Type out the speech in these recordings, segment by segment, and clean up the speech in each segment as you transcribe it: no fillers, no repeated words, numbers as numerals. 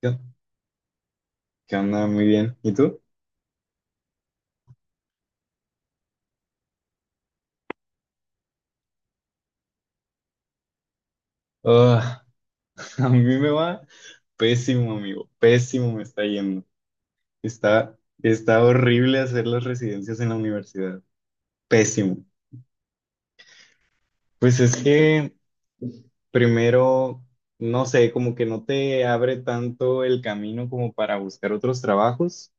¿Qué qué onda? Muy bien. ¿Y tú? Ah, a mí me va pésimo, amigo. Pésimo me está yendo. Está, Está horrible hacer las residencias en la universidad. Pésimo. Pues es que primero, no sé, como que no te abre tanto el camino como para buscar otros trabajos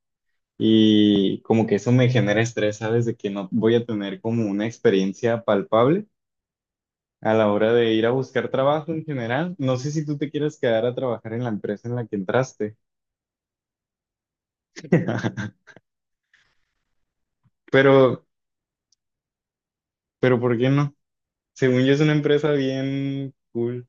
y como que eso me genera estrés, ¿sabes? De que no voy a tener como una experiencia palpable a la hora de ir a buscar trabajo en general. No sé si tú te quieres quedar a trabajar en la empresa en la que entraste. pero, pero ¿por qué no? Según yo es una empresa bien cool.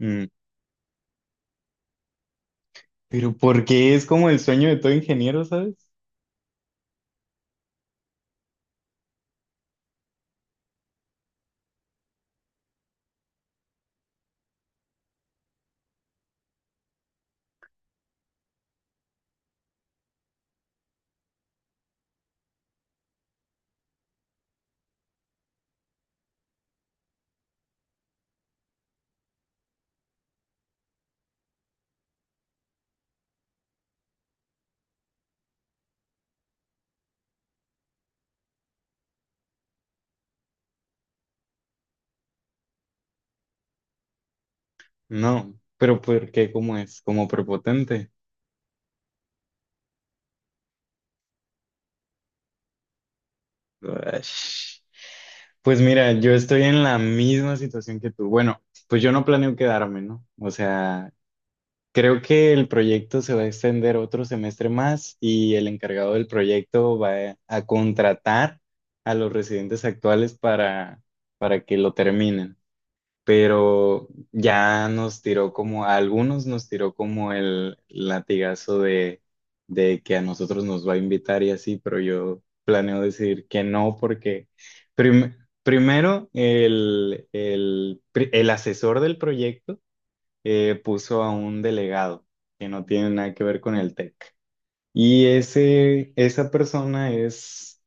Mm. Pero porque es como el sueño de todo ingeniero, ¿sabes? No, pero ¿por qué? ¿Cómo es? Como prepotente. Uash. Pues mira, yo estoy en la misma situación que tú. Bueno, pues yo no planeo quedarme, ¿no? O sea, creo que el proyecto se va a extender otro semestre más y el encargado del proyecto va a contratar a los residentes actuales para que lo terminen. Pero ya nos tiró como, a algunos nos tiró como el latigazo de que a nosotros nos va a invitar y así, pero yo planeo decir que no porque prim- primero el asesor del proyecto puso a un delegado que no tiene nada que ver con el TEC. Y esa persona es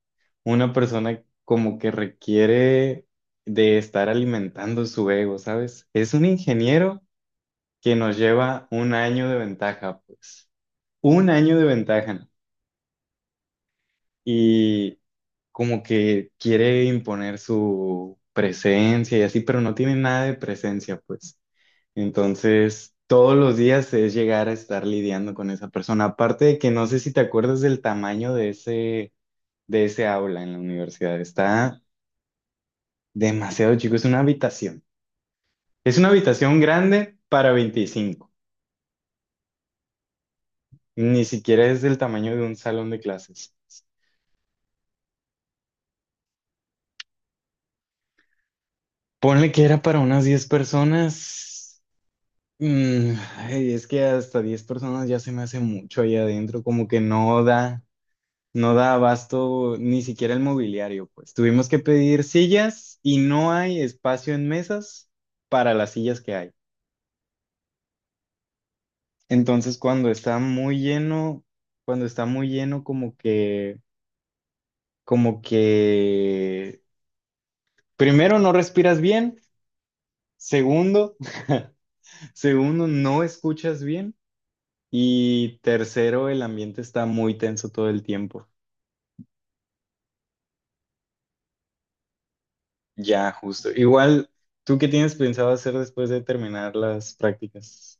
una persona como que requiere de estar alimentando su ego, ¿sabes? Es un ingeniero que nos lleva 1 año de ventaja, pues. 1 año de ventaja, ¿no? Y como que quiere imponer su presencia y así, pero no tiene nada de presencia, pues. Entonces, todos los días es llegar a estar lidiando con esa persona. Aparte de que no sé si te acuerdas del tamaño de de ese aula en la universidad. Está demasiado chico, es una habitación. Es una habitación grande para 25. Ni siquiera es del tamaño de un salón de clases. Ponle que era para unas 10 personas. Mm, ay, es que hasta 10 personas ya se me hace mucho ahí adentro, como que no da. No da abasto ni siquiera el mobiliario, pues. Tuvimos que pedir sillas y no hay espacio en mesas para las sillas que hay. Entonces, cuando está muy lleno, como que, primero no respiras bien, segundo, segundo no escuchas bien y tercero, el ambiente está muy tenso todo el tiempo. Ya, justo. Igual, ¿tú qué tienes pensado hacer después de terminar las prácticas?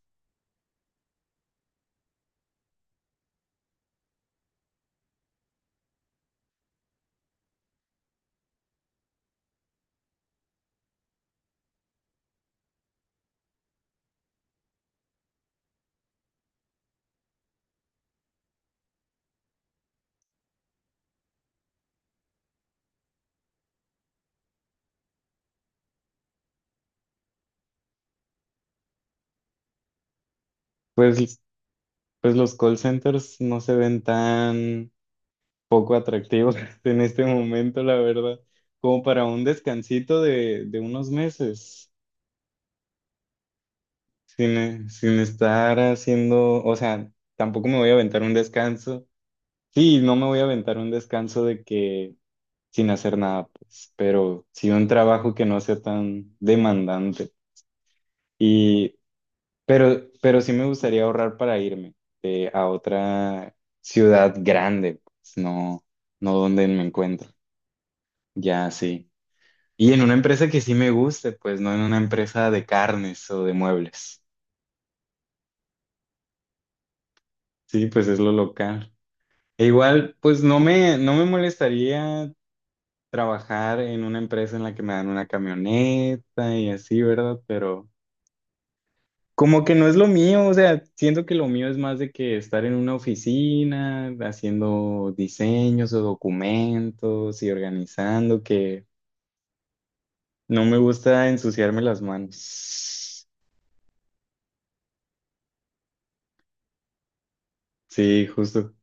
Pues pues los call centers no se ven tan poco atractivos en este momento, la verdad, como para un descansito de unos meses, sin estar haciendo, o sea, tampoco me voy a aventar un descanso. Sí, no me voy a aventar un descanso de que sin hacer nada, pues, pero sí un trabajo que no sea tan demandante. y pero sí me gustaría ahorrar para irme a otra ciudad grande, pues no, no donde me encuentro. Ya, sí. Y en una empresa que sí me guste, pues no en una empresa de carnes o de muebles. Sí, pues es lo local. E igual, pues no me molestaría trabajar en una empresa en la que me dan una camioneta y así, ¿verdad? Pero como que no es lo mío, o sea, siento que lo mío es más de que estar en una oficina haciendo diseños o documentos y organizando, que no me gusta ensuciarme las manos. Sí, justo.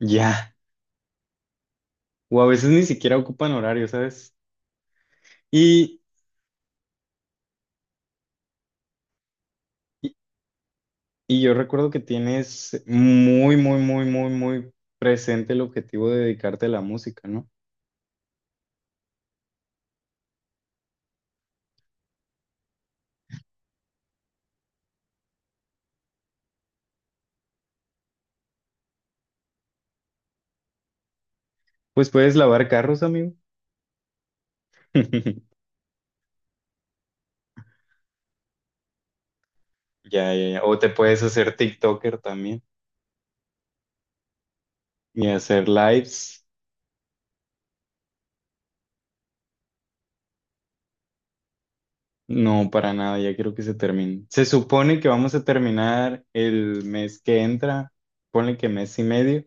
Ya. O a veces ni siquiera ocupan horario, ¿sabes? Y, y, y yo recuerdo que tienes muy, muy, muy, muy, muy presente el objetivo de dedicarte a la música, ¿no? Pues puedes lavar carros, amigo. Ya, ya, ya. O te puedes hacer TikToker y hacer lives. No, para nada, ya quiero que se termine. Se supone que vamos a terminar el mes que entra, ponle que mes y medio,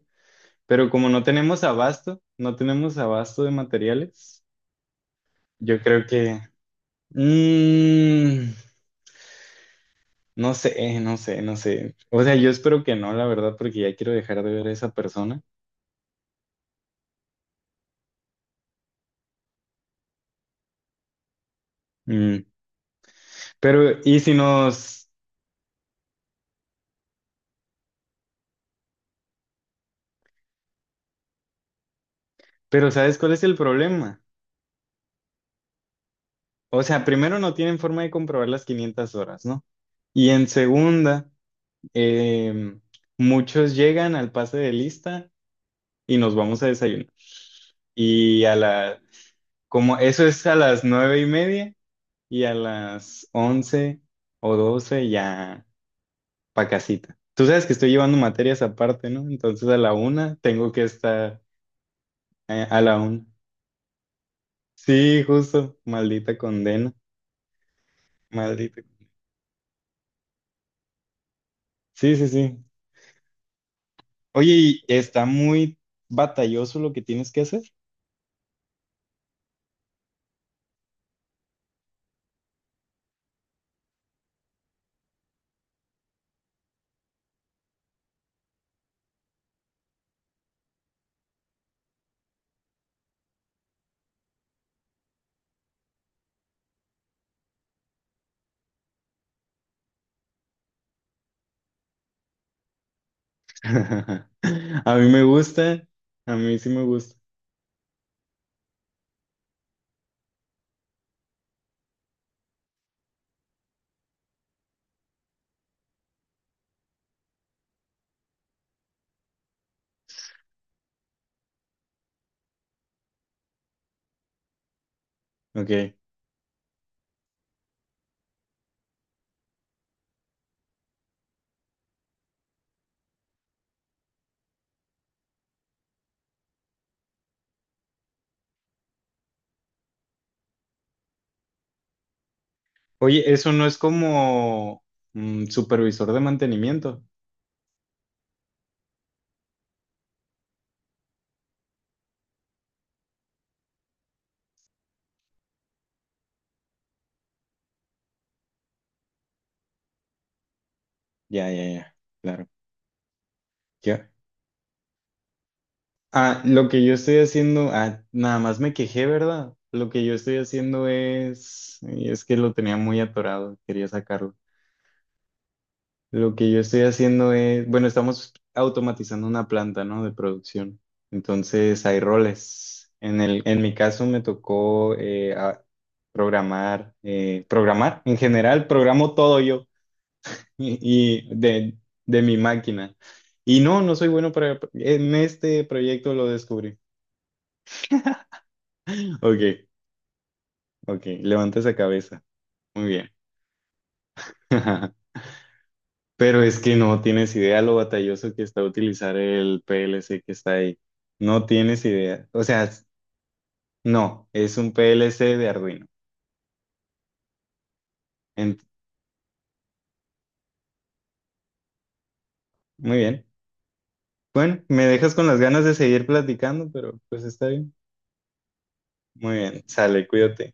pero como no tenemos abasto, no tenemos abasto de materiales, yo creo que... mm, no sé, no sé, no sé. O sea, yo espero que no, la verdad, porque ya quiero dejar de ver a esa persona. Mm, pero, ¿y si nos... Pero, ¿sabes cuál es el problema? O sea, primero no tienen forma de comprobar las 500 horas, ¿no? Y en segunda, em, muchos llegan al pase de lista y nos vamos a desayunar. Y a la, como eso es a las 9:30 y a las 11 o 12 ya pa' casita. Tú sabes que estoy llevando materias aparte, ¿no? Entonces a la 1 tengo que estar a la 1. Sí, justo, maldita condena, maldita. Sí, sí, sí. Oye, y está muy batalloso lo que tienes que hacer. A mí me gusta, a mí sí me gusta. Ok. Oye, eso no es como mm, supervisor de mantenimiento. Ya, ya, ya, claro. Ya. Ah, lo que yo estoy haciendo, ah, nada más me quejé, ¿verdad? Lo que yo estoy haciendo es, y es que lo tenía muy atorado, quería sacarlo. Lo que yo estoy haciendo es, bueno, estamos automatizando una planta, ¿no? De producción. Entonces hay roles. En mi caso me tocó programar, programar. En general, programo todo yo y, y de, de mi máquina. Y no, no soy bueno para... En este proyecto lo descubrí. Ok, ok, levanta esa cabeza. Muy bien. Pero es que no tienes idea lo batalloso que está utilizar el PLC que está ahí. No tienes idea. O sea, es- no, es un PLC de Arduino. Ent- Muy bien. Bueno, me dejas con las ganas de seguir platicando, pero pues está bien. Muy bien, sale, cuídate.